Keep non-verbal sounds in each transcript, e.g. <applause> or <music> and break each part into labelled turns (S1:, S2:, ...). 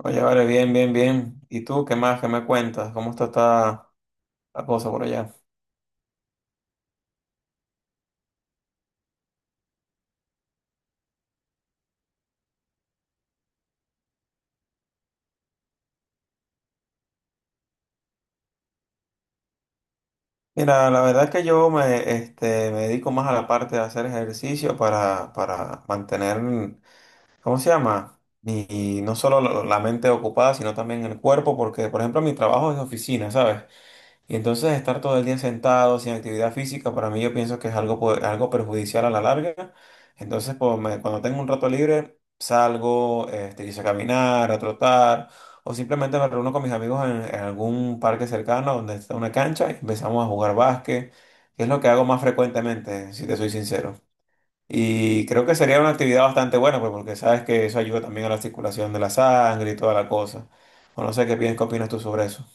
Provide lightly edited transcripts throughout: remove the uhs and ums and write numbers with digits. S1: Oye, vale, bien, bien, bien. ¿Y tú qué más? ¿Qué me cuentas? ¿Cómo está, la cosa por allá? Mira, la verdad es que me dedico más a la parte de hacer ejercicio para mantener, ¿cómo se llama? Y no solo la mente ocupada, sino también el cuerpo, porque, por ejemplo, mi trabajo es de oficina, ¿sabes? Y entonces estar todo el día sentado sin actividad física, para mí yo pienso que es algo, algo perjudicial a la larga. Entonces, pues, cuando tengo un rato libre, salgo, quizá a caminar, a trotar, o simplemente me reúno con mis amigos en algún parque cercano donde está una cancha y empezamos a jugar básquet, que es lo que hago más frecuentemente, si te soy sincero. Y creo que sería una actividad bastante buena, pues, porque sabes que eso ayuda también a la circulación de la sangre y toda la cosa. O no sé qué piensas, qué opinas tú sobre eso.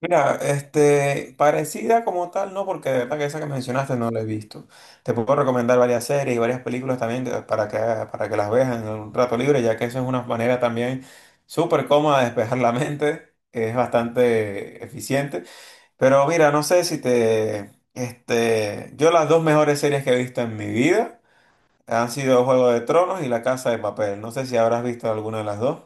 S1: Mira, parecida como tal, no, porque de verdad que esa que mencionaste no la he visto. Te puedo recomendar varias series y varias películas también para que las veas en un rato libre, ya que eso es una manera también súper cómoda de despejar la mente, es bastante eficiente. Pero mira, no sé si te, yo las dos mejores series que he visto en mi vida han sido Juego de Tronos y La Casa de Papel. No sé si habrás visto alguna de las dos.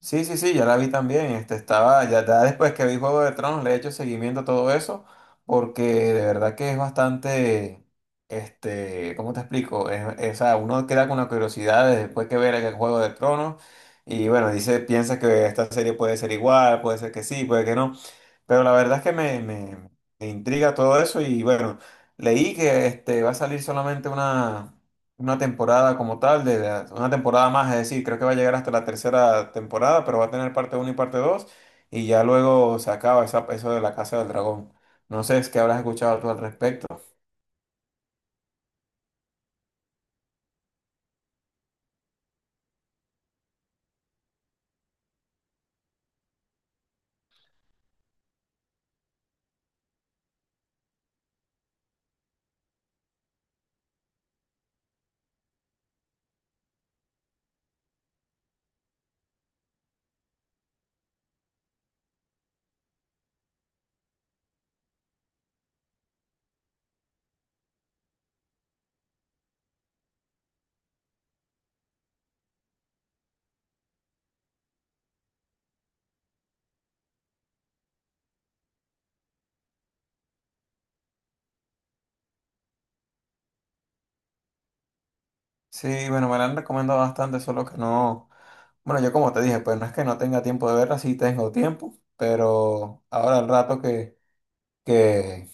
S1: Sí, sí, sí, ya la vi también. Estaba, ya después que vi Juego de Tronos, le he hecho seguimiento a todo eso, porque de verdad que es bastante, ¿cómo te explico? O sea, uno queda con la curiosidad de después que ver el Juego de Tronos, y bueno, dice, piensa que esta serie puede ser igual, puede ser que sí, puede que no. Pero la verdad es que me intriga todo eso y bueno, leí que va a salir una temporada como tal, una temporada más, es decir, creo que va a llegar hasta la tercera temporada, pero va a tener parte uno y parte 2 y ya luego se acaba esa, eso de la Casa del Dragón. No sé, es que habrás escuchado tú al respecto. Sí, bueno, me la han recomendado bastante, solo que no. Bueno, yo como te dije, pues no es que no tenga tiempo de verla, sí tengo tiempo, pero ahora al rato que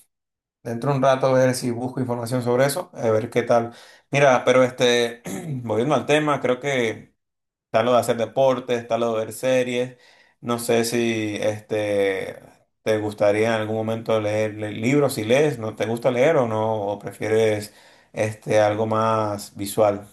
S1: dentro de un rato ver si busco información sobre eso, a ver qué tal. Mira, pero <clears throat> volviendo al tema, creo que está lo de hacer deportes, está lo de ver series. No sé si te gustaría en algún momento leer, libros, si lees, ¿no te gusta leer o no? ¿O prefieres algo más visual?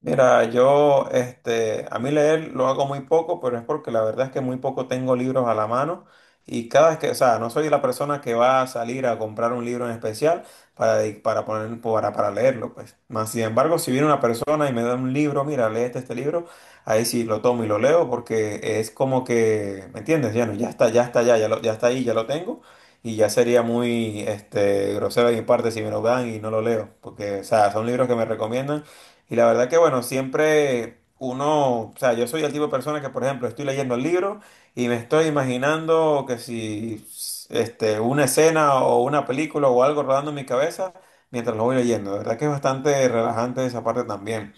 S1: Mira, a mí leer lo hago muy poco, pero es porque la verdad es que muy poco tengo libros a la mano y cada vez que, o sea, no soy la persona que va a salir a comprar un libro en especial para, para poner, para leerlo, pues. Más sin embargo, si viene una persona y me da un libro, mira, léete este libro, ahí sí lo tomo y lo leo porque es como que, ¿me entiendes? Ya no, ya está, ya está ahí, ya lo tengo. Y ya sería muy grosero de mi parte si me lo dan y no lo leo, porque, o sea, son libros que me recomiendan y la verdad que, bueno, siempre uno, o sea, yo soy el tipo de persona que, por ejemplo, estoy leyendo el libro y me estoy imaginando que si una escena o una película o algo rodando en mi cabeza mientras lo voy leyendo. De verdad que es bastante relajante esa parte también.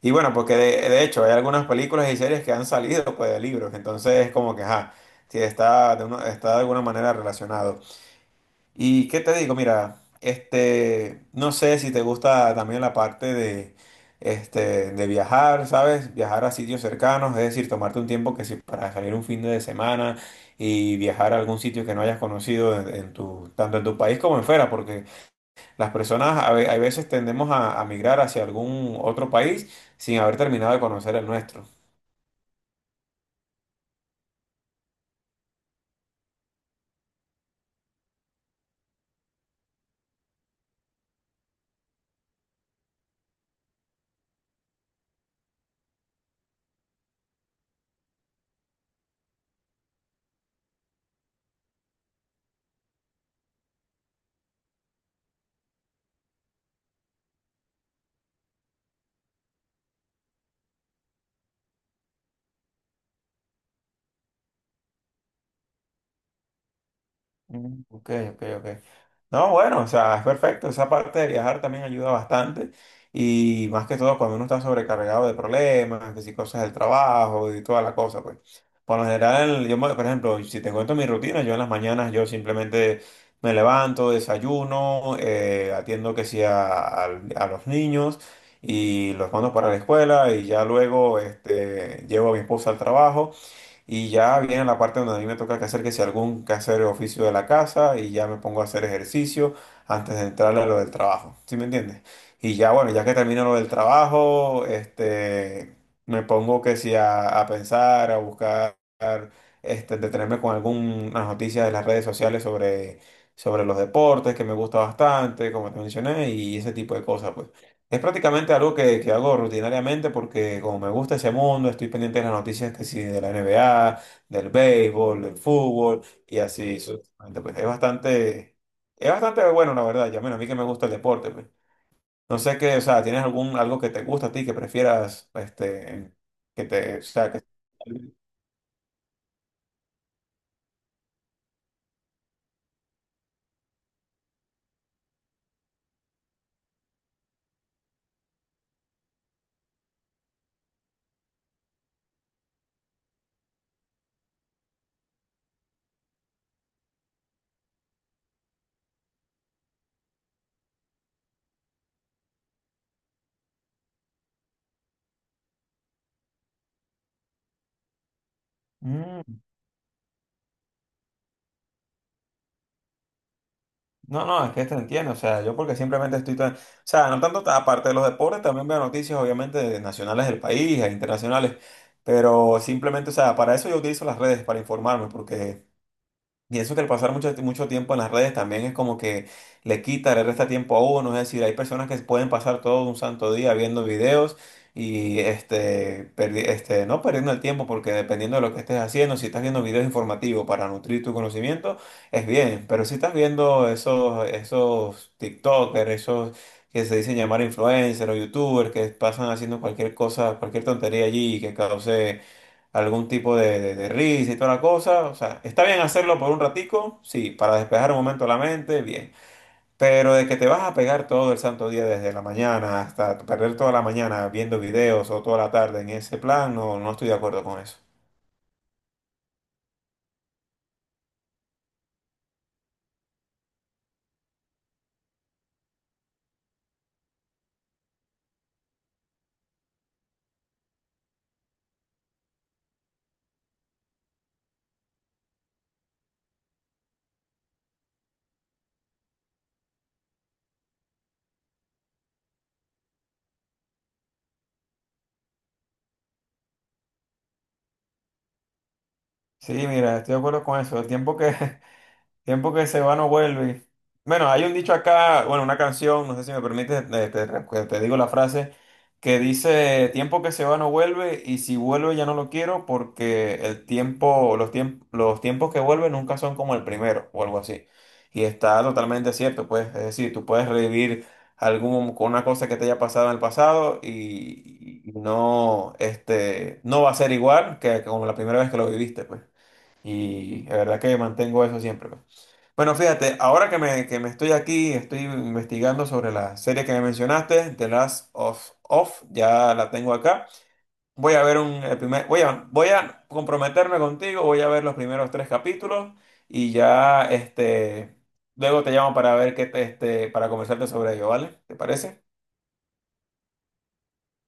S1: Y bueno, porque de hecho hay algunas películas y series que han salido pues, de libros, entonces es como que, ajá, sí, está de alguna manera relacionado. ¿Y qué te digo? Mira, no sé si te gusta también la parte de, de viajar, ¿sabes? Viajar a sitios cercanos, es decir, tomarte un tiempo que si para salir un fin de semana y viajar a algún sitio que no hayas conocido en tu, tanto en tu país como en fuera, porque las personas a veces tendemos a migrar hacia algún otro país sin haber terminado de conocer el nuestro. Mm, ok, ok, ok. No, bueno, o sea, es perfecto. Esa parte de viajar también ayuda bastante. Y más que todo cuando uno está sobrecargado de problemas, que si cosas del trabajo y toda la cosa, pues. Por lo general, por ejemplo, si te cuento mi rutina, yo en las mañanas yo simplemente me levanto, desayuno, atiendo que sí a, a los niños y los mando para la escuela y ya luego llevo a mi esposa al trabajo. Y ya viene la parte donde a mí me toca que hacer que si algún quehacer o oficio de la casa y ya me pongo a hacer ejercicio antes de entrarle a lo del trabajo. ¿Sí me entiendes? Y ya bueno, ya que termino lo del trabajo, me pongo que si a pensar, a buscar, detenerme con algunas noticias de las redes sociales sobre los deportes que me gusta bastante, como te mencioné, y ese tipo de cosas, pues. Es prácticamente algo que hago rutinariamente porque como me gusta ese mundo, estoy pendiente de las noticias que sí, de la NBA, del béisbol, del fútbol y así sucesivamente. Pues es bastante bueno, la verdad. Ya, bueno, a mí que me gusta el deporte, pues. No sé qué, o sea, ¿tienes algún algo que te gusta a ti, que prefieras, que te, o sea, que... Mm. No, no, es que te entiendo, o sea, yo porque simplemente estoy tan, o sea, no tanto aparte de los deportes, también veo noticias obviamente de nacionales del país, e internacionales, pero simplemente, o sea, para eso yo utilizo las redes, para informarme, porque y eso que el pasar mucho tiempo en las redes también es como que le quita, le resta tiempo a uno. Es decir, hay personas que pueden pasar todo un santo día viendo videos y no perdiendo el tiempo porque dependiendo de lo que estés haciendo, si estás viendo videos informativos para nutrir tu conocimiento, es bien. Pero si estás viendo esos TikTokers, esos que se dicen llamar influencers o YouTubers que pasan haciendo cualquier cosa, cualquier tontería allí que cause algún tipo de, de risa y toda la cosa. O sea, está bien hacerlo por un ratico, sí, para despejar un momento la mente, bien. Pero de que te vas a pegar todo el santo día desde la mañana hasta perder toda la mañana viendo videos o toda la tarde en ese plan, no, no estoy de acuerdo con eso. Sí, mira, estoy de acuerdo con eso. El tiempo que, <laughs> tiempo que se va no vuelve. Bueno, hay un dicho acá, bueno, una canción, no sé si me permites, te, te digo la frase, que dice, tiempo que se va no vuelve y si vuelve ya no lo quiero porque el tiempo, los tiempos que vuelven nunca son como el primero o algo así. Y está totalmente cierto, pues, es decir, tú puedes revivir algún, con una cosa que te haya pasado en el pasado y no, no va a ser igual que como la primera vez que lo viviste, pues. Y la verdad que mantengo eso siempre, pues. Bueno, fíjate, ahora que me estoy aquí, estoy investigando sobre la serie que me mencionaste, The Last of Us, ya la tengo acá. Voy a ver el primer, voy a comprometerme contigo, voy a ver los primeros 3 capítulos y ya, luego te llamo para ver qué te, para conversarte sobre ello, ¿vale? ¿Te parece?